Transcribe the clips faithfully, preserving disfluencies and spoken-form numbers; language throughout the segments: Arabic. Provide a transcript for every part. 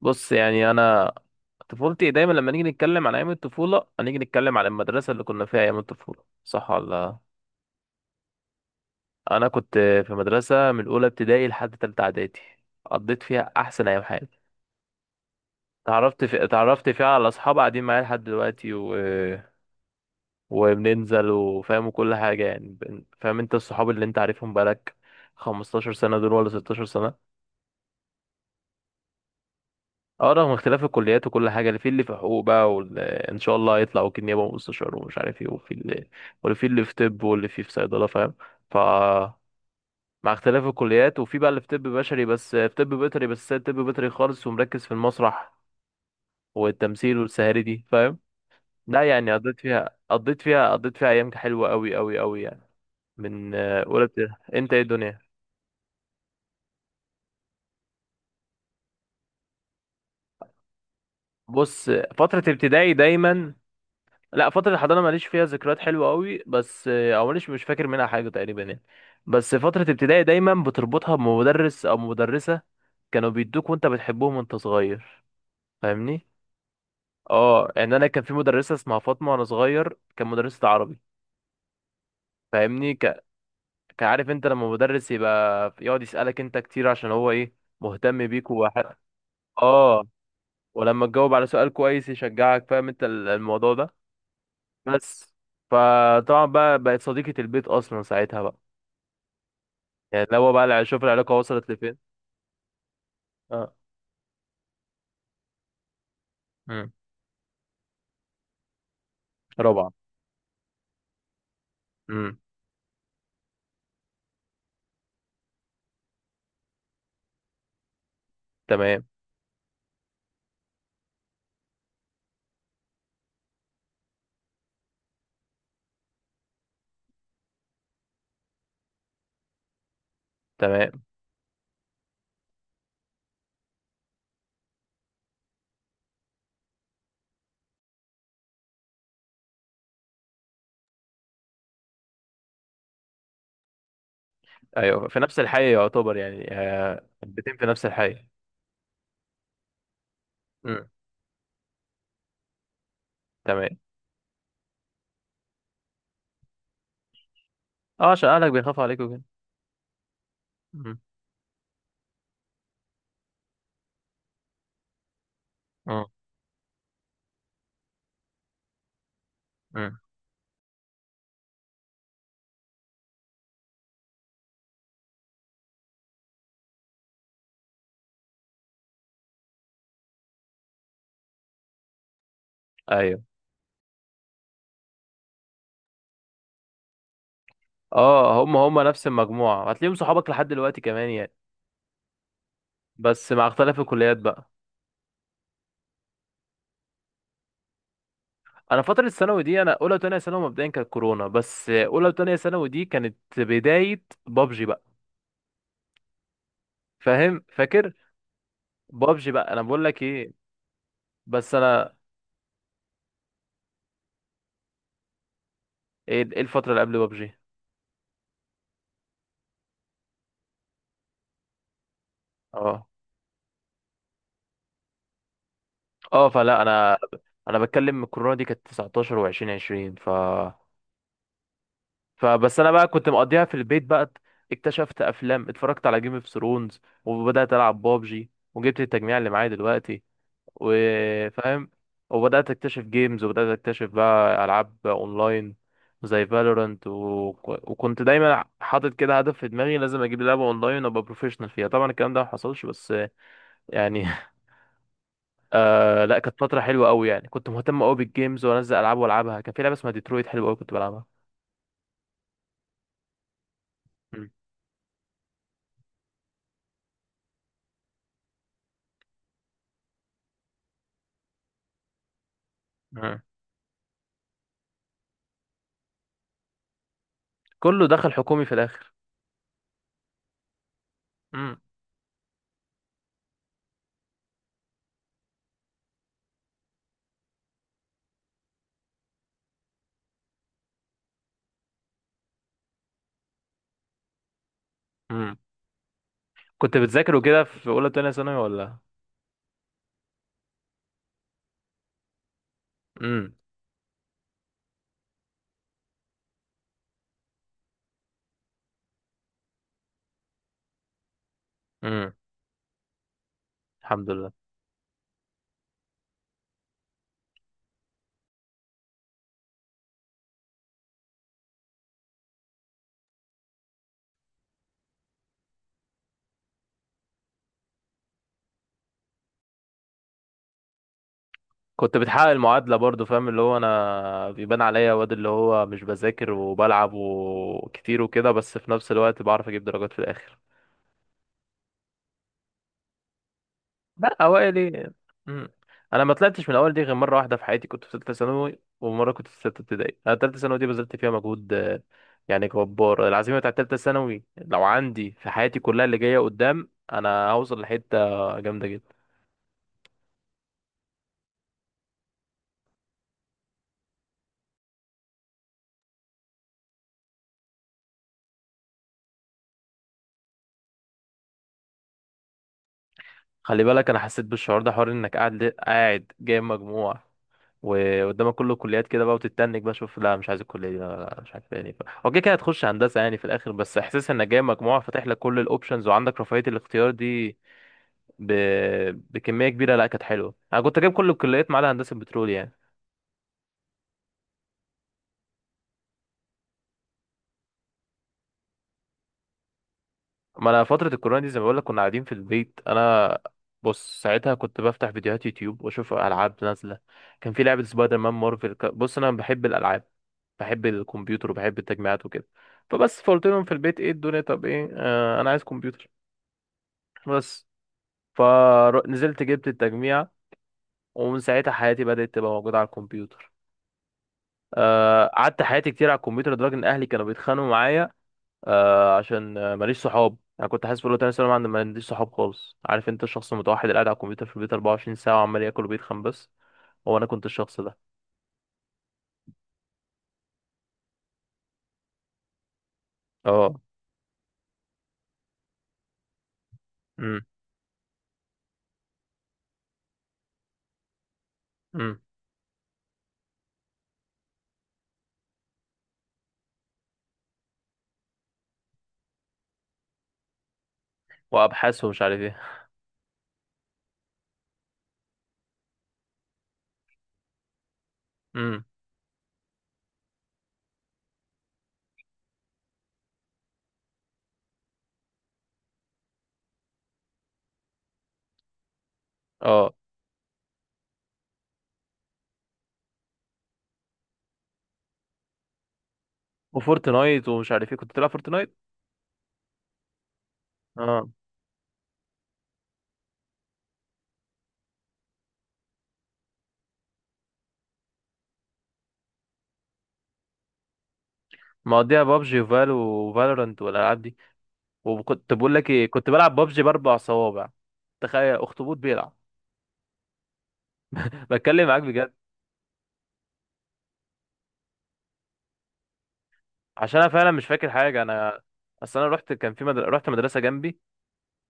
بص، يعني انا طفولتي دايما، لما نيجي نتكلم عن ايام الطفوله هنيجي نتكلم عن المدرسه اللي كنا فيها ايام الطفوله، صح ولا لا؟ انا كنت في مدرسه من اولى ابتدائي لحد تالتة اعدادي، قضيت فيها احسن ايام حياتي. اتعرفت في... اتعرفت فيها على اصحاب قاعدين معايا لحد دلوقتي و... وبننزل، وفاهم كل حاجه، يعني بن- فاهم انت الصحاب اللي انت عارفهم بقالك خمستاشر سنه دول ولا ستاشر سنه. اه، رغم اختلاف الكليات وكل حاجه، اللي في اللي في حقوق بقى، واللي ان شاء الله هيطلع وكيل نيابه ومستشار ومش عارف ايه، وفي اللي، واللي في اللي في طب، واللي في في صيدله، فاهم، ف مع اختلاف الكليات. وفي بقى اللي في طب بشري، بس في طب بيطري، بس سايب طب بيطري خالص ومركز في المسرح والتمثيل والسهاري دي، فاهم. لا، يعني قضيت فيها قضيت فيها قضيت فيها ايام حلوه قوي قوي قوي يعني. من آه، اولى ابتدائي، انت ايه الدنيا. بص، فتره ابتدائي دايما... لا، فترة الحضانة ماليش فيها ذكريات حلوة قوي، بس او ماليش، مش فاكر منها حاجة تقريبا يعني. بس فترة ابتدائي دايما بتربطها بمدرس او مدرسة كانوا بيدوك وانت بتحبهم وانت صغير، فاهمني. اه، يعني انا كان في مدرسة اسمها فاطمة، وانا صغير كان مدرسة عربي، فاهمني. ك... كعارف انت، لما مدرس يبقى يقعد يسألك انت كتير عشان هو ايه، مهتم بيك وواحد. اه، ولما تجاوب على سؤال كويس يشجعك، فاهم انت ال- الموضوع ده. بس، فطبعا بقى بقت صديقة البيت اصلا ساعتها بقى، يعني لو بقى الع- شوف العلاقة وصلت لفين. اه. امم. رابعة. امم. تمام. تمام. ايوه، في نفس الحي يعتبر يعني، آه، البيتين في نفس الحي. امم. تمام. اه، عشان اهلك بيخافوا عليك وكده. امم. اه. امم. ايوه. اه، هم هم نفس المجموعه، هتلاقيهم صحابك لحد دلوقتي كمان يعني. بس مع اختلاف الكليات بقى. انا فتره الثانوي دي، انا اولى وثانيه ثانوي مبدئيا كانت كورونا، بس اولى وثانيه ثانوي دي كانت بدايه بابجي بقى. فاهم، فاكر. بابجي بقى انا بقول لك ايه. بس انا... ايه إيه الفترة اللي قبل بابجي. اه، اه، فلا انا انا بتكلم الكورونا دي كانت تسعتاشر و20 عشرين، ف فبس انا بقى كنت مقضيها في البيت بقى. اكتشفت افلام، اتفرجت على جيم اوف ثرونز، وبدات العب بابجي، وجبت التجميع اللي معايا دلوقتي، وفاهم، وبدات اكتشف جيمز، وبدات اكتشف بقى العاب اونلاين زي فالورانت و... وكنت دايما حاطط كده هدف في دماغي، لازم اجيب لعبه اونلاين وابقى بروفيشنال فيها. طبعا الكلام ده ما حصلش، بس يعني آه، لا، كانت فترة حلوة قوي يعني، كنت مهتم قوي بالجيمز وانزل العاب والعبها. كان في لعبة اسمها ديترويت حلوة قوي كنت بلعبها. مم. مم. كله دخل حكومي في الاخر. مم. مم. كنت بتذاكر وكده في اولى تانية ثانوي ولا؟ مم. مم. الحمد لله. كنت بتحقق المعادلة برضو، فاهم، اللي هو انا بيبان عليا واد اللي هو مش بذاكر وبلعب وكتير وكده، بس في نفس الوقت بعرف اجيب درجات في الاخر. لا، اوائل. امم. انا ما طلعتش من الاول دي غير مره واحده في حياتي، كنت في ثالثه ثانوي، ومره كنت في سته ابتدائي. انا ثالثه ثانوي دي بذلت فيها مجهود آه، يعني جبار. العزيمه بتاعت ثالثه ثانوي لو عندي في حياتي كلها اللي جايه قدام، انا هوصل لحته جامده جدا. خلي بالك، انا حسيت بالشعور ده، حوار انك قاعد قاعد جايب مجموع وقدامك كله كليات كده بقى، وتتنك بقى، شوف، لا مش عايز الكليه دي، لا لا لا، مش عارف يعني، ف... هو كده كده هتخش هندسه يعني في الاخر، بس احساس انك جايب مجموع فاتح لك كل الاوبشنز وعندك رفاهيه الاختيار دي ب... بكميه كبيره، لا كانت حلوه. انا كنت جايب كل الكليات ما عدا هندسه بترول يعني. ما انا فترة الكورونا دي، زي ما بقول لك، كنا قاعدين في البيت انا. بص، ساعتها كنت بفتح فيديوهات يوتيوب واشوف العاب نازلة. كان في لعبة سبايدر مان مارفل، ك- بص انا بحب الالعاب، بحب الكمبيوتر وبحب التجميعات وكده. فبس فقلت لهم في البيت، ايه الدنيا طب، ايه، آه، انا عايز كمبيوتر. بس. فنزلت جبت التجميع، ومن ساعتها حياتي بدأت تبقى موجودة على الكمبيوتر. آه، قعدت حياتي كتير على الكمبيوتر لدرجة ان اهلي كانوا بيتخانقوا معايا. آه، عشان آه، ماليش صحاب. انا كنت حاسس في اولى تانية ثانوي ما عندي ما عنديش صحاب خالص، عارف انت الشخص المتوحد اللي قاعد على الكمبيوتر في البيت اربعة وعشرين ساعة وعمال ياكل وبيتخن بس. هو انا كنت الشخص ده. اه. امم. امم. وابحاث ومش عارف ايه. امم. اه. وفورتنايت ومش عارف ايه، كنت بتلعب فورتنايت. اه، مقضيها بابجي وفال وفالورانت والالعاب دي. وكنت بقول لك ايه، كنت بلعب بابجي باربع صوابع. تخيل اخطبوط بيلعب. بتكلم معاك بجد. عشان انا فعلا مش فاكر حاجة. انا اصل انا رحت، كان في مدر... رحت مدرسة جنبي،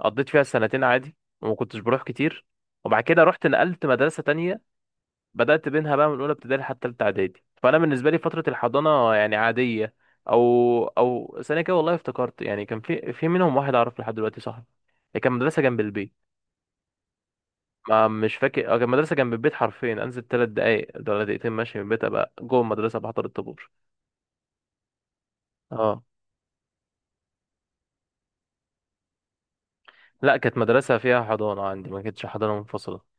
قضيت فيها سنتين عادي، وما كنتش بروح كتير، وبعد كده رحت نقلت مدرسة تانية، بدأت بينها بقى من أولى ابتدائي لحد تالتة إعدادي. فأنا بالنسبة لي فترة الحضانة يعني عادية. أو أو سنة كده والله افتكرت يعني، كان في في منهم واحد أعرف لحد دلوقتي صاحبي، كان مدرسة جنب البيت. ما مش فاكر، آه، كان مدرسة جنب البيت حرفيا، أنزل تلات دقايق ولا دقيقتين ماشي من البيت أبقى جوه المدرسة بحضر الطابور. اه، لا، كانت مدرسة فيها حضانة، عندي ما كانتش حضانة منفصلة.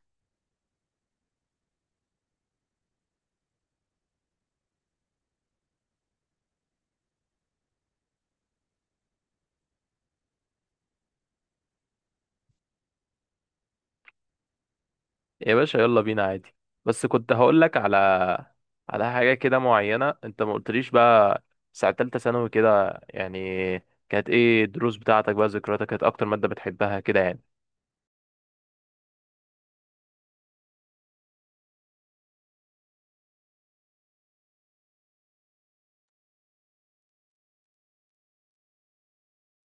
يا باشا، يلا بينا عادي. بس كنت هقول لك على على حاجة كده معينة، انت ما قلتليش بقى، ساعة تالتة ثانوي كده يعني، كانت ايه الدروس بتاعتك بقى، ذكرياتك كانت اكتر مادة بتحبها كده يعني.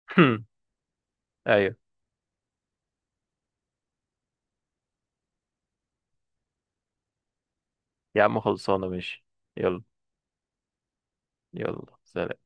ايوه. يا عم، خلصانة، ماشي. يلا. يلا، سلام.